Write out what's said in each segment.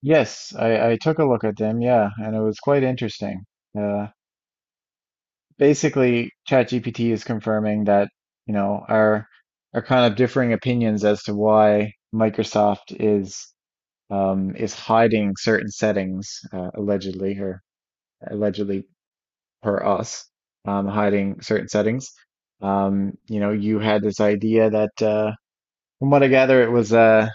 Yes, I took a look at them, yeah, and it was quite interesting. Uh, basically, ChatGPT is confirming that, our kind of differing opinions as to why Microsoft is hiding certain settings, allegedly or allegedly per us, hiding certain settings. You know, you had this idea that, from what I gather, it was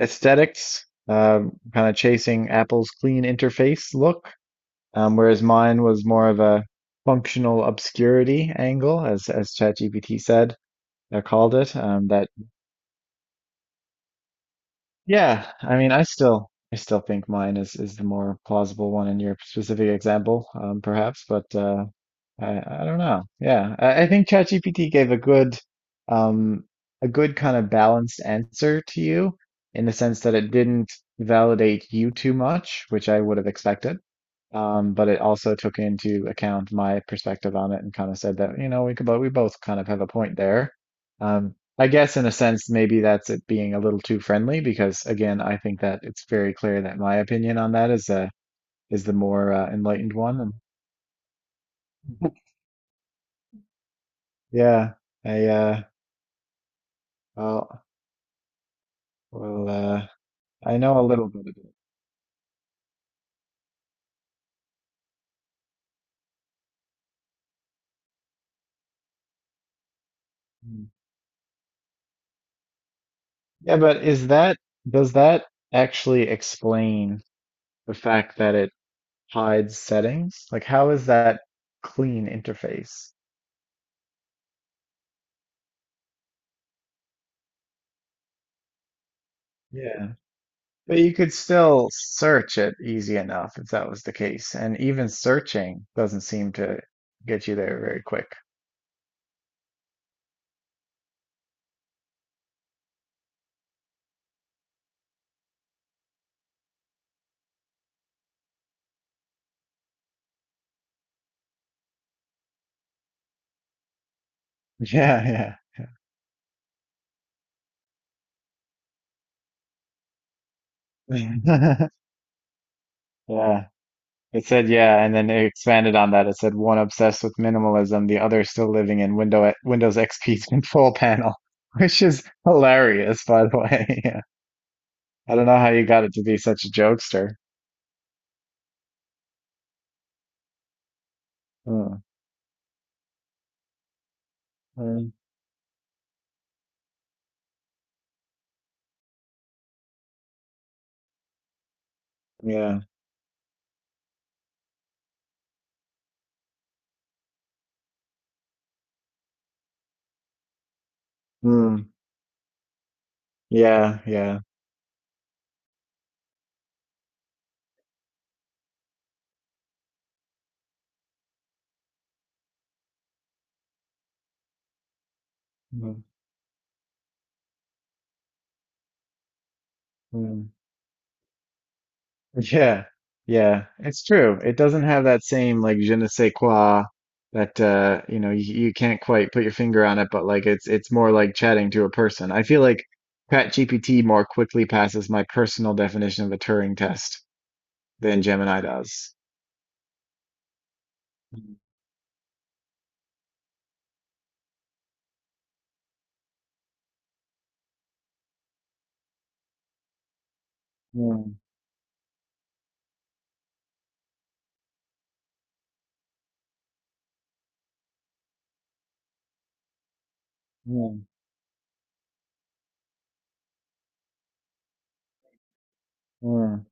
aesthetics, kind of chasing Apple's clean interface look. Whereas mine was more of a functional obscurity angle, as ChatGPT said, called it, that. Yeah, I mean, I still think mine is the more plausible one in your specific example, perhaps, but I don't know. Yeah, I think ChatGPT gave um a good kind of balanced answer to you in the sense that it didn't validate you too much, which I would have expected. But it also took into account my perspective on it and kind of said that, you know, we could, but we both kind of have a point there. Um, I guess in a sense, maybe that's it being a little too friendly because again, I think that it's very clear that my opinion on that is the more enlightened one. And yeah, I well well I know a little bit of it. Hmm. Yeah, but is that does that actually explain the fact that it hides settings? Like how is that clean interface? Yeah. But you could still search it easy enough if that was the case. And even searching doesn't seem to get you there very quick. Yeah, yeah. Yeah. It said, yeah, and then it expanded on that. It said one obsessed with minimalism, the other still living in Windows XP control panel, which is hilarious, by the way. Yeah. I don't know how you got it to be such a jokester. Mm, mm, yeah. Mm, yeah, yeah. Mm, mm. Yeah, yeah, it's true. It doesn't have that same like je ne sais quoi that you can't quite put your finger on it, but like it's more like chatting to a person. I feel like ChatGPT more quickly passes my personal definition of a Turing test than Gemini does. Mm, mm, mm, mm.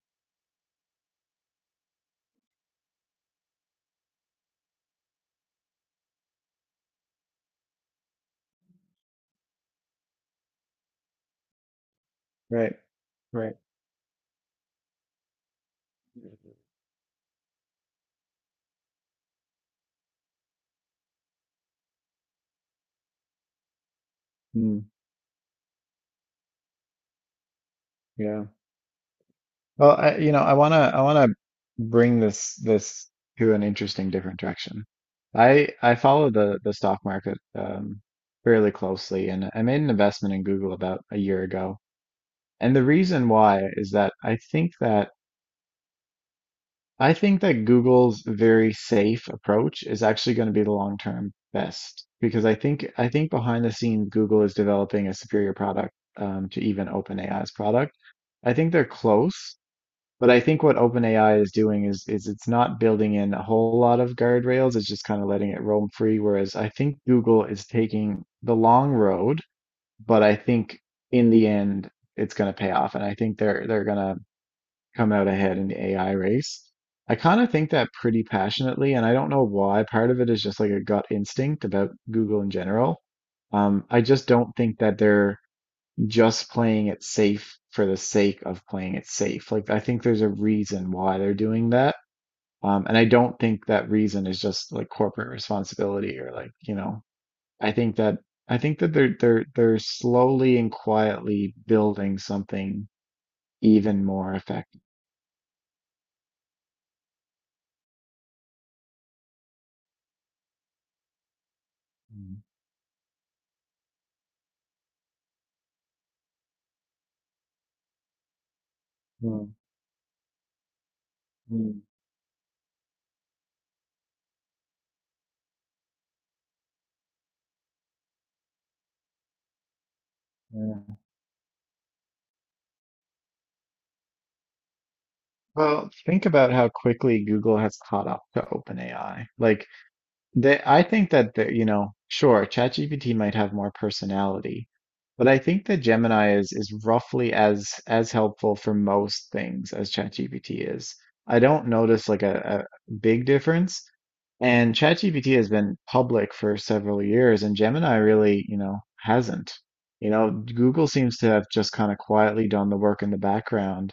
Right, right. Mm, yeah. Well, you know, I wanna bring this to an interesting different direction. I follow the stock market fairly closely, and I made an investment in Google about a year ago. And the reason why is that I think that Google's very safe approach is actually going to be the long-term best because I think behind the scenes Google is developing a superior product to even OpenAI's product. I think they're close. But I think what OpenAI is doing is it's not building in a whole lot of guardrails. It's just kind of letting it roam free. Whereas I think Google is taking the long road, but I think in the end it's going to pay off, and I think they're going to come out ahead in the AI race. I kind of think that pretty passionately, and I don't know why. Part of it is just like a gut instinct about Google in general. I just don't think that they're just playing it safe for the sake of playing it safe. Like I think there's a reason why they're doing that. And I don't think that reason is just like corporate responsibility or like, you know, I think that I think that they're slowly and quietly building something even more effective. Mm, mm, mm, yeah. Well, think about how quickly Google has caught up to OpenAI. Like they, I think that you know, sure, ChatGPT might have more personality, but I think that Gemini is roughly as helpful for most things as ChatGPT is. I don't notice like a big difference. And ChatGPT has been public for several years, and Gemini really, you know, hasn't. You know, Google seems to have just kind of quietly done the work in the background,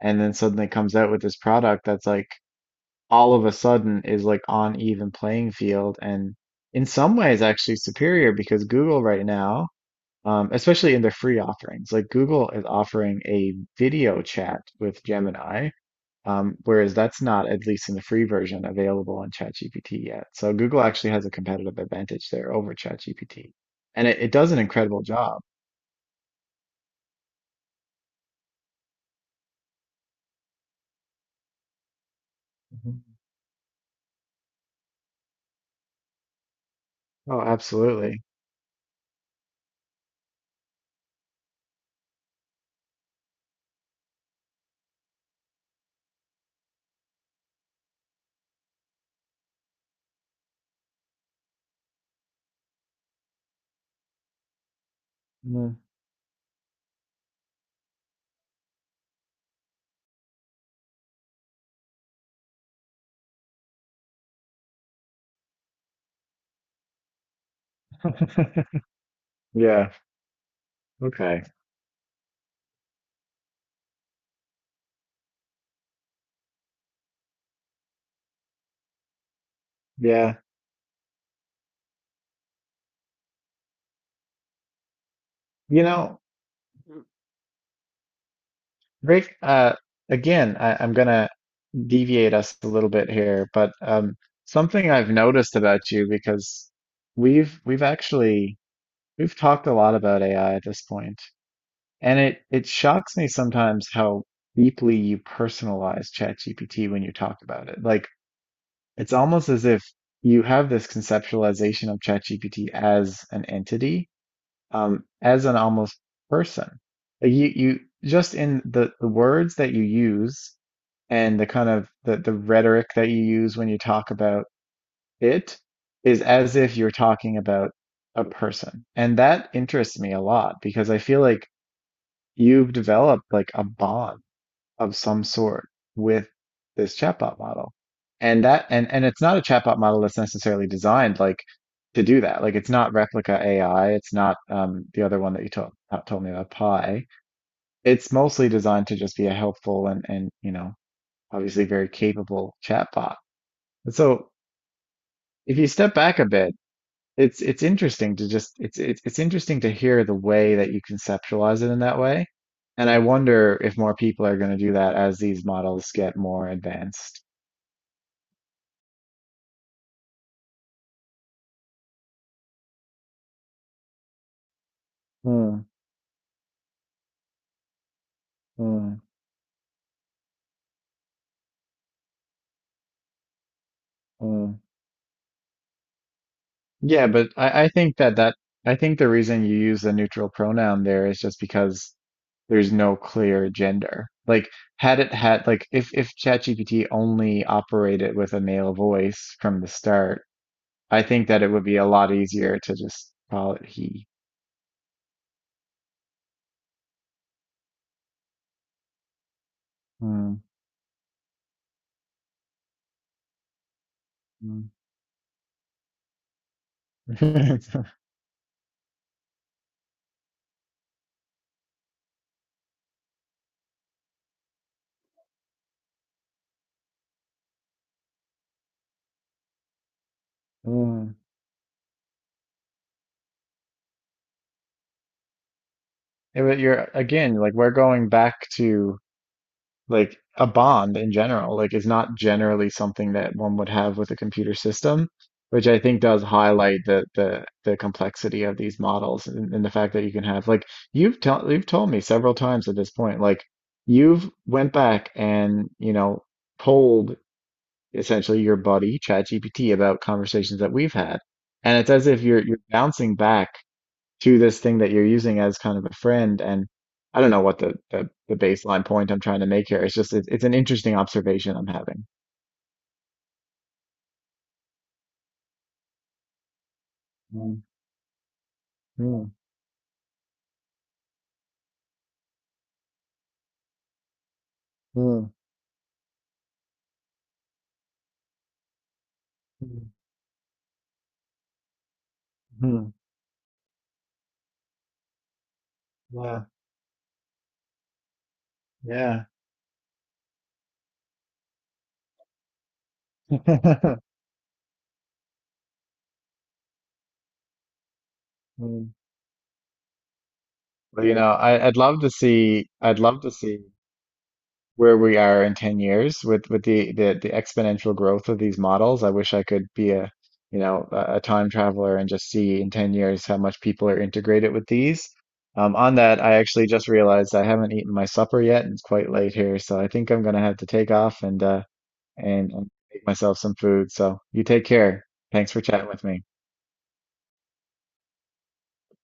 and then suddenly comes out with this product that's like all of a sudden is like on even playing field and in some ways actually superior because Google right now, especially in their free offerings, like Google is offering a video chat with Gemini, whereas that's not, at least in the free version, available on ChatGPT yet. So Google actually has a competitive advantage there over ChatGPT. And it does an incredible job. Mhm. Oh, absolutely. Mm. Yeah. Okay. Yeah. You know, Rick, again, I'm gonna deviate us a little bit here, but something I've noticed about you because we've we've actually we've talked a lot about AI at this point, and it shocks me sometimes how deeply you personalize ChatGPT when you talk about it. Like it's almost as if you have this conceptualization of ChatGPT as an entity, as an almost person. Like, you just in the words that you use and the kind of the rhetoric that you use when you talk about it is as if you're talking about a person. And that interests me a lot because I feel like you've developed like a bond of some sort with this chatbot model. And that and it's not a chatbot model that's necessarily designed like to do that. Like it's not Replica AI, it's not the other one that you told told me about Pi. It's mostly designed to just be a helpful and you know obviously very capable chatbot. So if you step back a bit, it's interesting to just it's interesting to hear the way that you conceptualize it in that way. And I wonder if more people are going to do that as these models get more advanced. Hmm, hmm, hmm. Yeah, but I think the reason you use the neutral pronoun there is just because there's no clear gender. Like had it had like if ChatGPT only operated with a male voice from the start I think that it would be a lot easier to just call it he. Mm, mm. Mm. You're again, like we're going back to like a bond in general. Like it's not generally something that one would have with a computer system, which I think does highlight the complexity of these models and the fact that you can have like you've told me several times at this point, like you've went back and you know polled essentially your buddy, ChatGPT, about conversations that we've had. And it's as if you're bouncing back to this thing that you're using as kind of a friend. And I don't know what the baseline point I'm trying to make here. It's just it's an interesting observation I'm having. Mm, mm, mm, mm, mm. Wow. Yeah. Mm, but, you know, I'd love to see where we are in 10 years with the exponential growth of these models. I wish I could be a you know a time traveler and just see in 10 years how much people are integrated with these. On that, I actually just realized I haven't eaten my supper yet, and it's quite late here, so I think I'm gonna have to take off and and make myself some food. So you take care. Thanks for chatting with me.